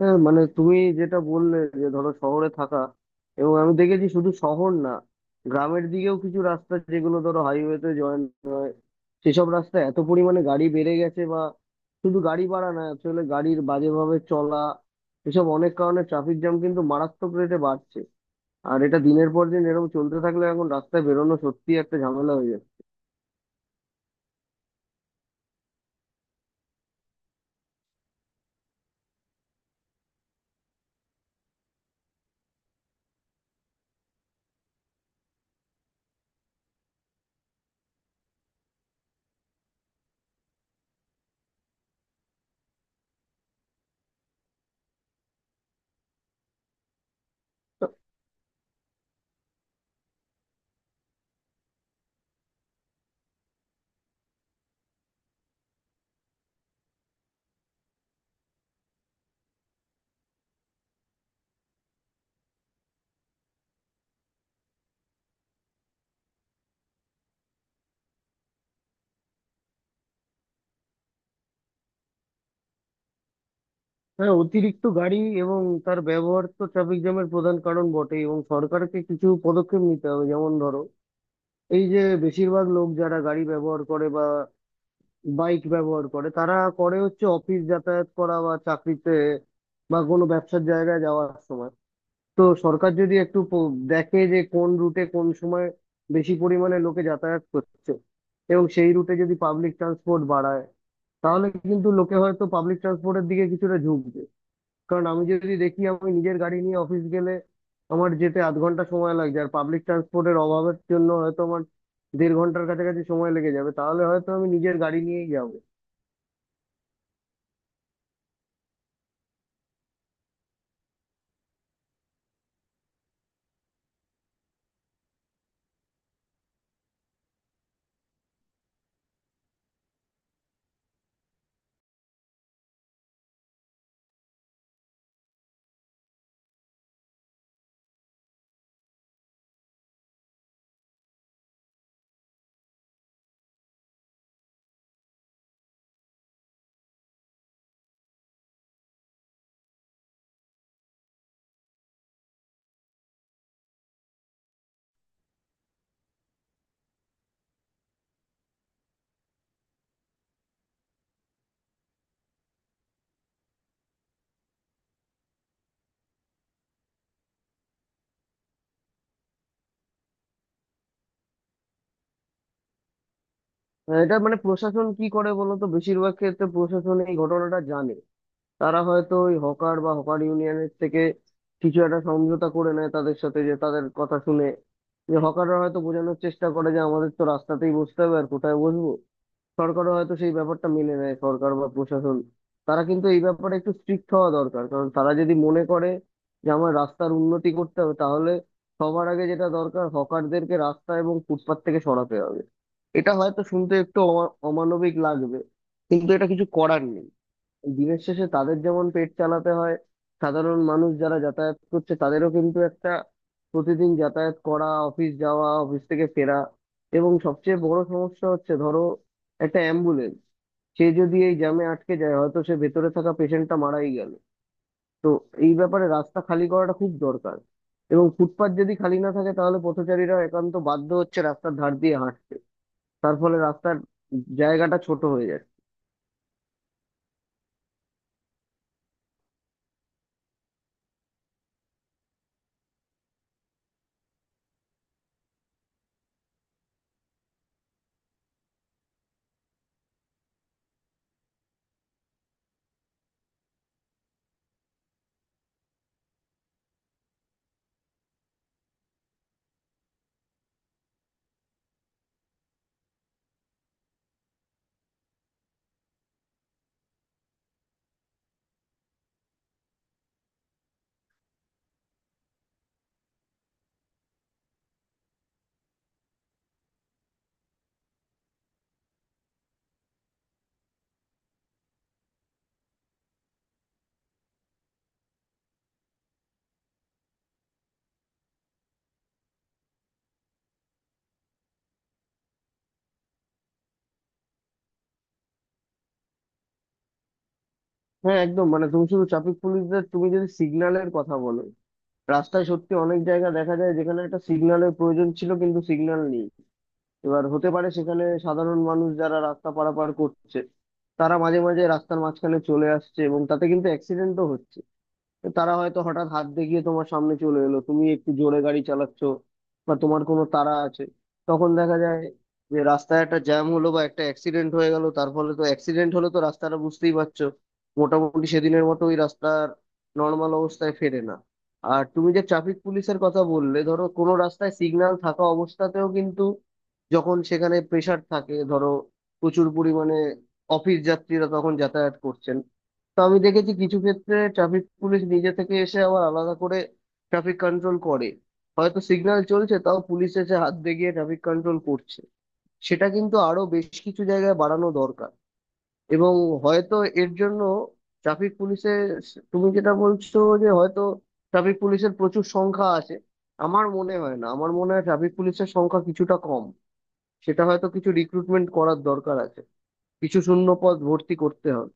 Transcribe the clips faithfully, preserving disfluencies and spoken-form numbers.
হ্যাঁ, মানে তুমি যেটা বললে যে ধরো শহরে থাকা, এবং আমি দেখেছি শুধু শহর না, গ্রামের দিকেও কিছু রাস্তা যেগুলো ধরো হাইওয়েতে জয়েন, সেসব রাস্তা এত পরিমাণে গাড়ি বেড়ে গেছে, বা শুধু গাড়ি বাড়া না, আসলে গাড়ির বাজেভাবে চলা, এসব অনেক কারণে ট্রাফিক জ্যাম কিন্তু মারাত্মক রেটে বাড়ছে। আর এটা দিনের পর দিন এরকম চলতে থাকলে এখন রাস্তায় বেরোনো সত্যি একটা ঝামেলা হয়ে যায়। হ্যাঁ, অতিরিক্ত গাড়ি এবং তার ব্যবহার তো ট্রাফিক জ্যামের প্রধান কারণ বটে, এবং সরকারকে কিছু পদক্ষেপ নিতে হবে। যেমন ধরো, এই যে বেশিরভাগ লোক যারা গাড়ি ব্যবহার করে বা বাইক ব্যবহার করে, তারা করে হচ্ছে অফিস যাতায়াত করা বা চাকরিতে বা কোনো ব্যবসার জায়গায় যাওয়ার সময়। তো সরকার যদি একটু প- দেখে যে কোন রুটে কোন সময় বেশি পরিমাণে লোকে যাতায়াত করছে, এবং সেই রুটে যদি পাবলিক ট্রান্সপোর্ট বাড়ায়, তাহলে কিন্তু লোকে হয়তো পাবলিক ট্রান্সপোর্টের দিকে কিছুটা ঝুঁকবে। কারণ আমি যদি দেখি আমি নিজের গাড়ি নিয়ে অফিস গেলে আমার যেতে আধ ঘন্টা সময় লাগছে, আর পাবলিক ট্রান্সপোর্টের অভাবের জন্য হয়তো আমার দেড় ঘন্টার কাছাকাছি সময় লেগে যাবে, তাহলে হয়তো আমি নিজের গাড়ি নিয়েই যাবো। আহ, এটা মানে প্রশাসন কি করে বলো তো, বেশিরভাগ ক্ষেত্রে প্রশাসন এই ঘটনাটা জানে। তারা হয়তো ওই হকার বা হকার ইউনিয়নের থেকে কিছু একটা সমঝোতা করে নেয়, তাদের সাথে যে তাদের কথা শুনে, যে হকাররা হয়তো বোঝানোর চেষ্টা করে যে আমাদের তো রাস্তাতেই বসতে হবে, আর কোথায় বসবো। সরকারও হয়তো সেই ব্যাপারটা মেনে নেয়, সরকার বা প্রশাসন। তারা কিন্তু এই ব্যাপারে একটু স্ট্রিক্ট হওয়া দরকার, কারণ তারা যদি মনে করে যে আমার রাস্তার উন্নতি করতে হবে, তাহলে সবার আগে যেটা দরকার, হকারদেরকে রাস্তা এবং ফুটপাত থেকে সরাতে হবে। এটা হয়তো শুনতে একটু অমা- অমানবিক লাগবে, কিন্তু এটা কিছু করার নেই। দিনের শেষে তাদের যেমন পেট চালাতে হয়, সাধারণ মানুষ যারা যাতায়াত করছে তাদেরও কিন্তু একটা, প্রতিদিন যাতায়াত করা, অফিস যাওয়া, অফিস থেকে ফেরা। এবং সবচেয়ে বড় সমস্যা হচ্ছে ধরো, একটা অ্যাম্বুলেন্স, সে যদি এই জ্যামে আটকে যায়, হয়তো সে ভেতরে থাকা পেশেন্টটা মারাই গেল। তো এই ব্যাপারে রাস্তা খালি করাটা খুব দরকার। এবং ফুটপাত যদি খালি না থাকে তাহলে পথচারীরা একান্ত বাধ্য হচ্ছে রাস্তার ধার দিয়ে হাঁটতে, তার ফলে রাস্তার জায়গাটা ছোট হয়ে যাচ্ছে। হ্যাঁ, একদম। মানে তুমি শুধু ট্রাফিক পুলিশদের, তুমি যদি সিগন্যালের কথা বলো, রাস্তায় সত্যি অনেক জায়গা দেখা যায় যেখানে একটা সিগন্যালের প্রয়োজন ছিল, কিন্তু সিগন্যাল নেই। এবার হতে পারে সেখানে সাধারণ মানুষ যারা রাস্তা পারাপার করছে, তারা মাঝে মাঝে রাস্তার মাঝখানে চলে আসছে, এবং তাতে কিন্তু অ্যাক্সিডেন্টও হচ্ছে। তো তারা হয়তো হঠাৎ হাত দেখিয়ে তোমার সামনে চলে এলো, তুমি একটু জোরে গাড়ি চালাচ্ছ বা তোমার কোনো তাড়া আছে, তখন দেখা যায় যে রাস্তায় একটা জ্যাম হলো বা একটা অ্যাক্সিডেন্ট হয়ে গেল। তার ফলে তো, অ্যাক্সিডেন্ট হলে তো রাস্তাটা বুঝতেই পারছো, মোটামুটি সেদিনের মতো ওই রাস্তার নর্মাল অবস্থায় ফেরে না। আর তুমি যে ট্রাফিক পুলিশের কথা বললে, ধরো কোনো রাস্তায় সিগন্যাল থাকা অবস্থাতেও কিন্তু, যখন সেখানে প্রেসার থাকে, ধরো প্রচুর পরিমাণে অফিস যাত্রীরা তখন যাতায়াত করছেন, তো আমি দেখেছি কিছু ক্ষেত্রে ট্রাফিক পুলিশ নিজে থেকে এসে আবার আলাদা করে ট্রাফিক কন্ট্রোল করে। হয়তো সিগন্যাল চলছে, তাও পুলিশ এসে হাত দেখিয়ে ট্রাফিক কন্ট্রোল করছে। সেটা কিন্তু আরো বেশ কিছু জায়গায় বাড়ানো দরকার। এবং হয়তো এর জন্য ট্রাফিক পুলিশের, তুমি যেটা বলছো যে হয়তো ট্রাফিক পুলিশের প্রচুর সংখ্যা আছে, আমার মনে হয় না, আমার মনে হয় ট্রাফিক পুলিশের সংখ্যা কিছুটা কম। সেটা হয়তো কিছু রিক্রুটমেন্ট করার দরকার আছে, কিছু শূন্য পদ ভর্তি করতে হবে।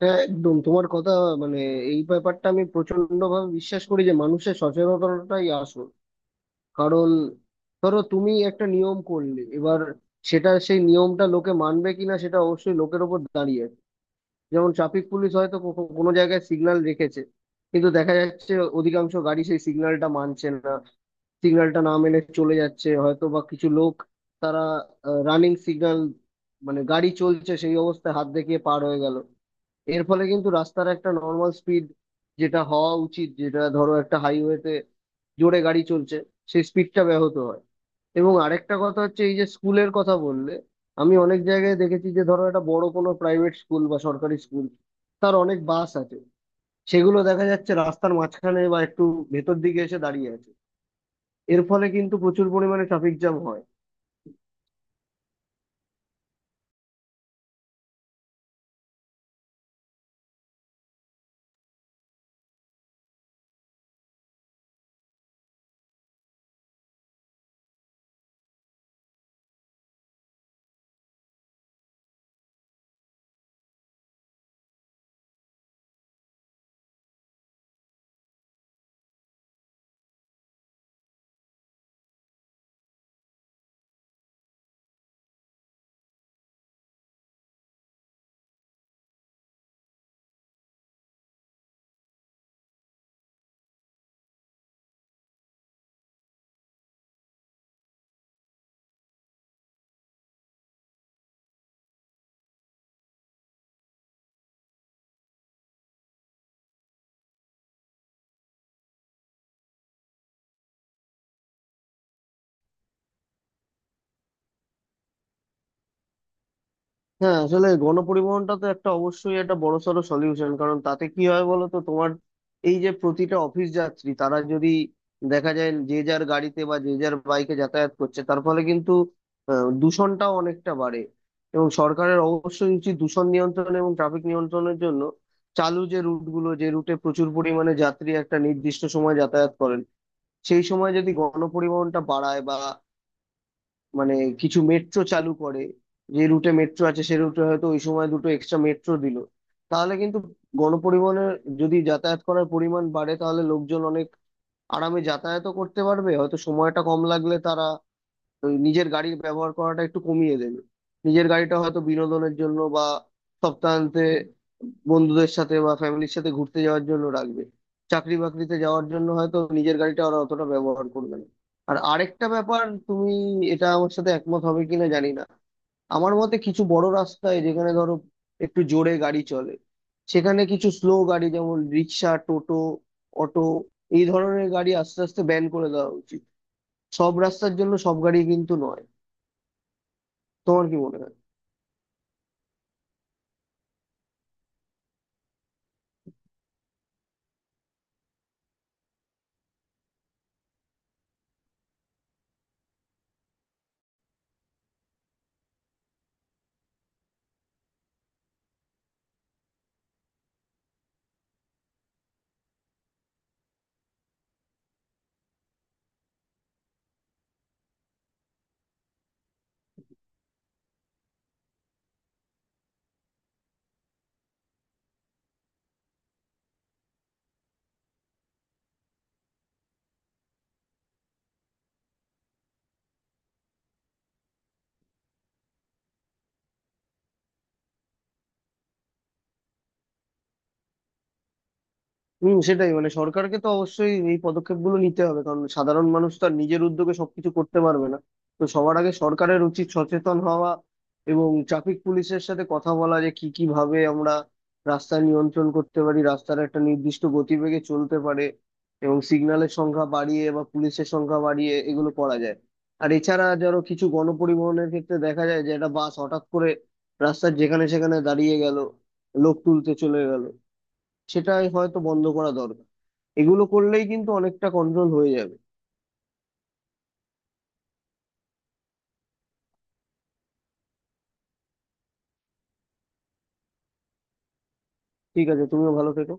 হ্যাঁ, একদম তোমার কথা। মানে এই ব্যাপারটা আমি প্রচন্ড ভাবে বিশ্বাস করি যে মানুষের সচেতনতাই আসল। কারণ ধরো, তুমি একটা নিয়ম করলে, এবার সেটা, সেই নিয়মটা লোকে মানবে কিনা সেটা অবশ্যই লোকের ওপর দাঁড়িয়ে আছে। যেমন ট্রাফিক পুলিশ হয়তো কো- কো- কোনো জায়গায় সিগন্যাল রেখেছে, কিন্তু দেখা যাচ্ছে অধিকাংশ গাড়ি সেই সিগন্যালটা মানছে না, সিগন্যালটা না মেনে চলে যাচ্ছে। হয়তো বা কিছু লোক, তারা রানিং সিগন্যাল, মানে গাড়ি চলছে সেই অবস্থায় হাত দেখিয়ে পার হয়ে গেল। এর ফলে কিন্তু রাস্তার একটা নর্মাল স্পিড, যেটা হওয়া উচিত, যেটা ধরো একটা হাইওয়েতে জোরে গাড়ি চলছে, সেই স্পিডটা ব্যাহত হয়। এবং আরেকটা কথা হচ্ছে, এই যে স্কুলের কথা বললে, আমি অনেক জায়গায় দেখেছি যে ধরো একটা বড় কোনো প্রাইভেট স্কুল বা সরকারি স্কুল, তার অনেক বাস আছে, সেগুলো দেখা যাচ্ছে রাস্তার মাঝখানে বা একটু ভেতর দিকে এসে দাঁড়িয়ে আছে। এর ফলে কিন্তু প্রচুর পরিমাণে ট্রাফিক জ্যাম হয়। হ্যাঁ, আসলে গণপরিবহনটা তো একটা অবশ্যই একটা বড়সড় সলিউশন। কারণ তাতে কি হয় বলো তো, তোমার এই যে প্রতিটা অফিস যাত্রী, তারা যদি দেখা যায় যে যার গাড়িতে বা যে যার বাইকে যাতায়াত করছে, তার ফলে কিন্তু আহ, দূষণটাও অনেকটা বাড়ে। এবং সরকারের অবশ্যই উচিত দূষণ নিয়ন্ত্রণ এবং ট্রাফিক নিয়ন্ত্রণের জন্য, চালু যে রুটগুলো, যে রুটে প্রচুর পরিমাণে যাত্রী একটা নির্দিষ্ট সময় যাতায়াত করেন, সেই সময় যদি গণপরিবহনটা বাড়ায়, বা মানে কিছু মেট্রো চালু করে, যে রুটে মেট্রো আছে সে রুটে হয়তো ওই সময় দুটো এক্সট্রা মেট্রো দিল, তাহলে কিন্তু গণপরিবহনের যদি যাতায়াত করার পরিমাণ বাড়ে, তাহলে লোকজন অনেক আরামে যাতায়াতও করতে পারবে। হয়তো সময়টা কম লাগলে তারা ওই নিজের গাড়ির ব্যবহার করাটা একটু কমিয়ে দেবে। নিজের গাড়িটা হয়তো বিনোদনের জন্য বা সপ্তাহান্তে বন্ধুদের সাথে বা ফ্যামিলির সাথে ঘুরতে যাওয়ার জন্য রাখবে। চাকরি বাকরিতে যাওয়ার জন্য হয়তো নিজের গাড়িটা ওরা অতটা ব্যবহার করবে না। আর আরেকটা ব্যাপার, তুমি এটা আমার সাথে একমত হবে কিনা জানি না, আমার মতে কিছু বড় রাস্তায় যেখানে ধরো একটু জোরে গাড়ি চলে, সেখানে কিছু স্লো গাড়ি যেমন রিক্সা, টোটো, অটো, এই ধরনের গাড়ি আস্তে আস্তে ব্যান করে দেওয়া উচিত। সব রাস্তার জন্য সব গাড়ি কিন্তু নয়। তোমার কি মনে হয়? হম, সেটাই। মানে সরকারকে তো অবশ্যই এই পদক্ষেপগুলো নিতে হবে, কারণ সাধারণ মানুষ তো আর নিজের উদ্যোগে সবকিছু করতে পারবে না। তো সবার আগে সরকারের উচিত সচেতন হওয়া, এবং ট্রাফিক পুলিশের সাথে কথা বলা যে কি কি ভাবে আমরা রাস্তা নিয়ন্ত্রণ করতে পারি, রাস্তার একটা নির্দিষ্ট গতিবেগে চলতে পারে, এবং সিগন্যালের সংখ্যা বাড়িয়ে বা পুলিশের সংখ্যা বাড়িয়ে এগুলো করা যায়। আর এছাড়া ধরো কিছু গণপরিবহনের ক্ষেত্রে দেখা যায় যে একটা বাস হঠাৎ করে রাস্তার যেখানে সেখানে দাঁড়িয়ে গেল, লোক তুলতে চলে গেল, সেটাই হয়তো বন্ধ করা দরকার। এগুলো করলেই কিন্তু অনেকটা কন্ট্রোল হয়ে যাবে। ঠিক আছে, তুমিও ভালো থেকো।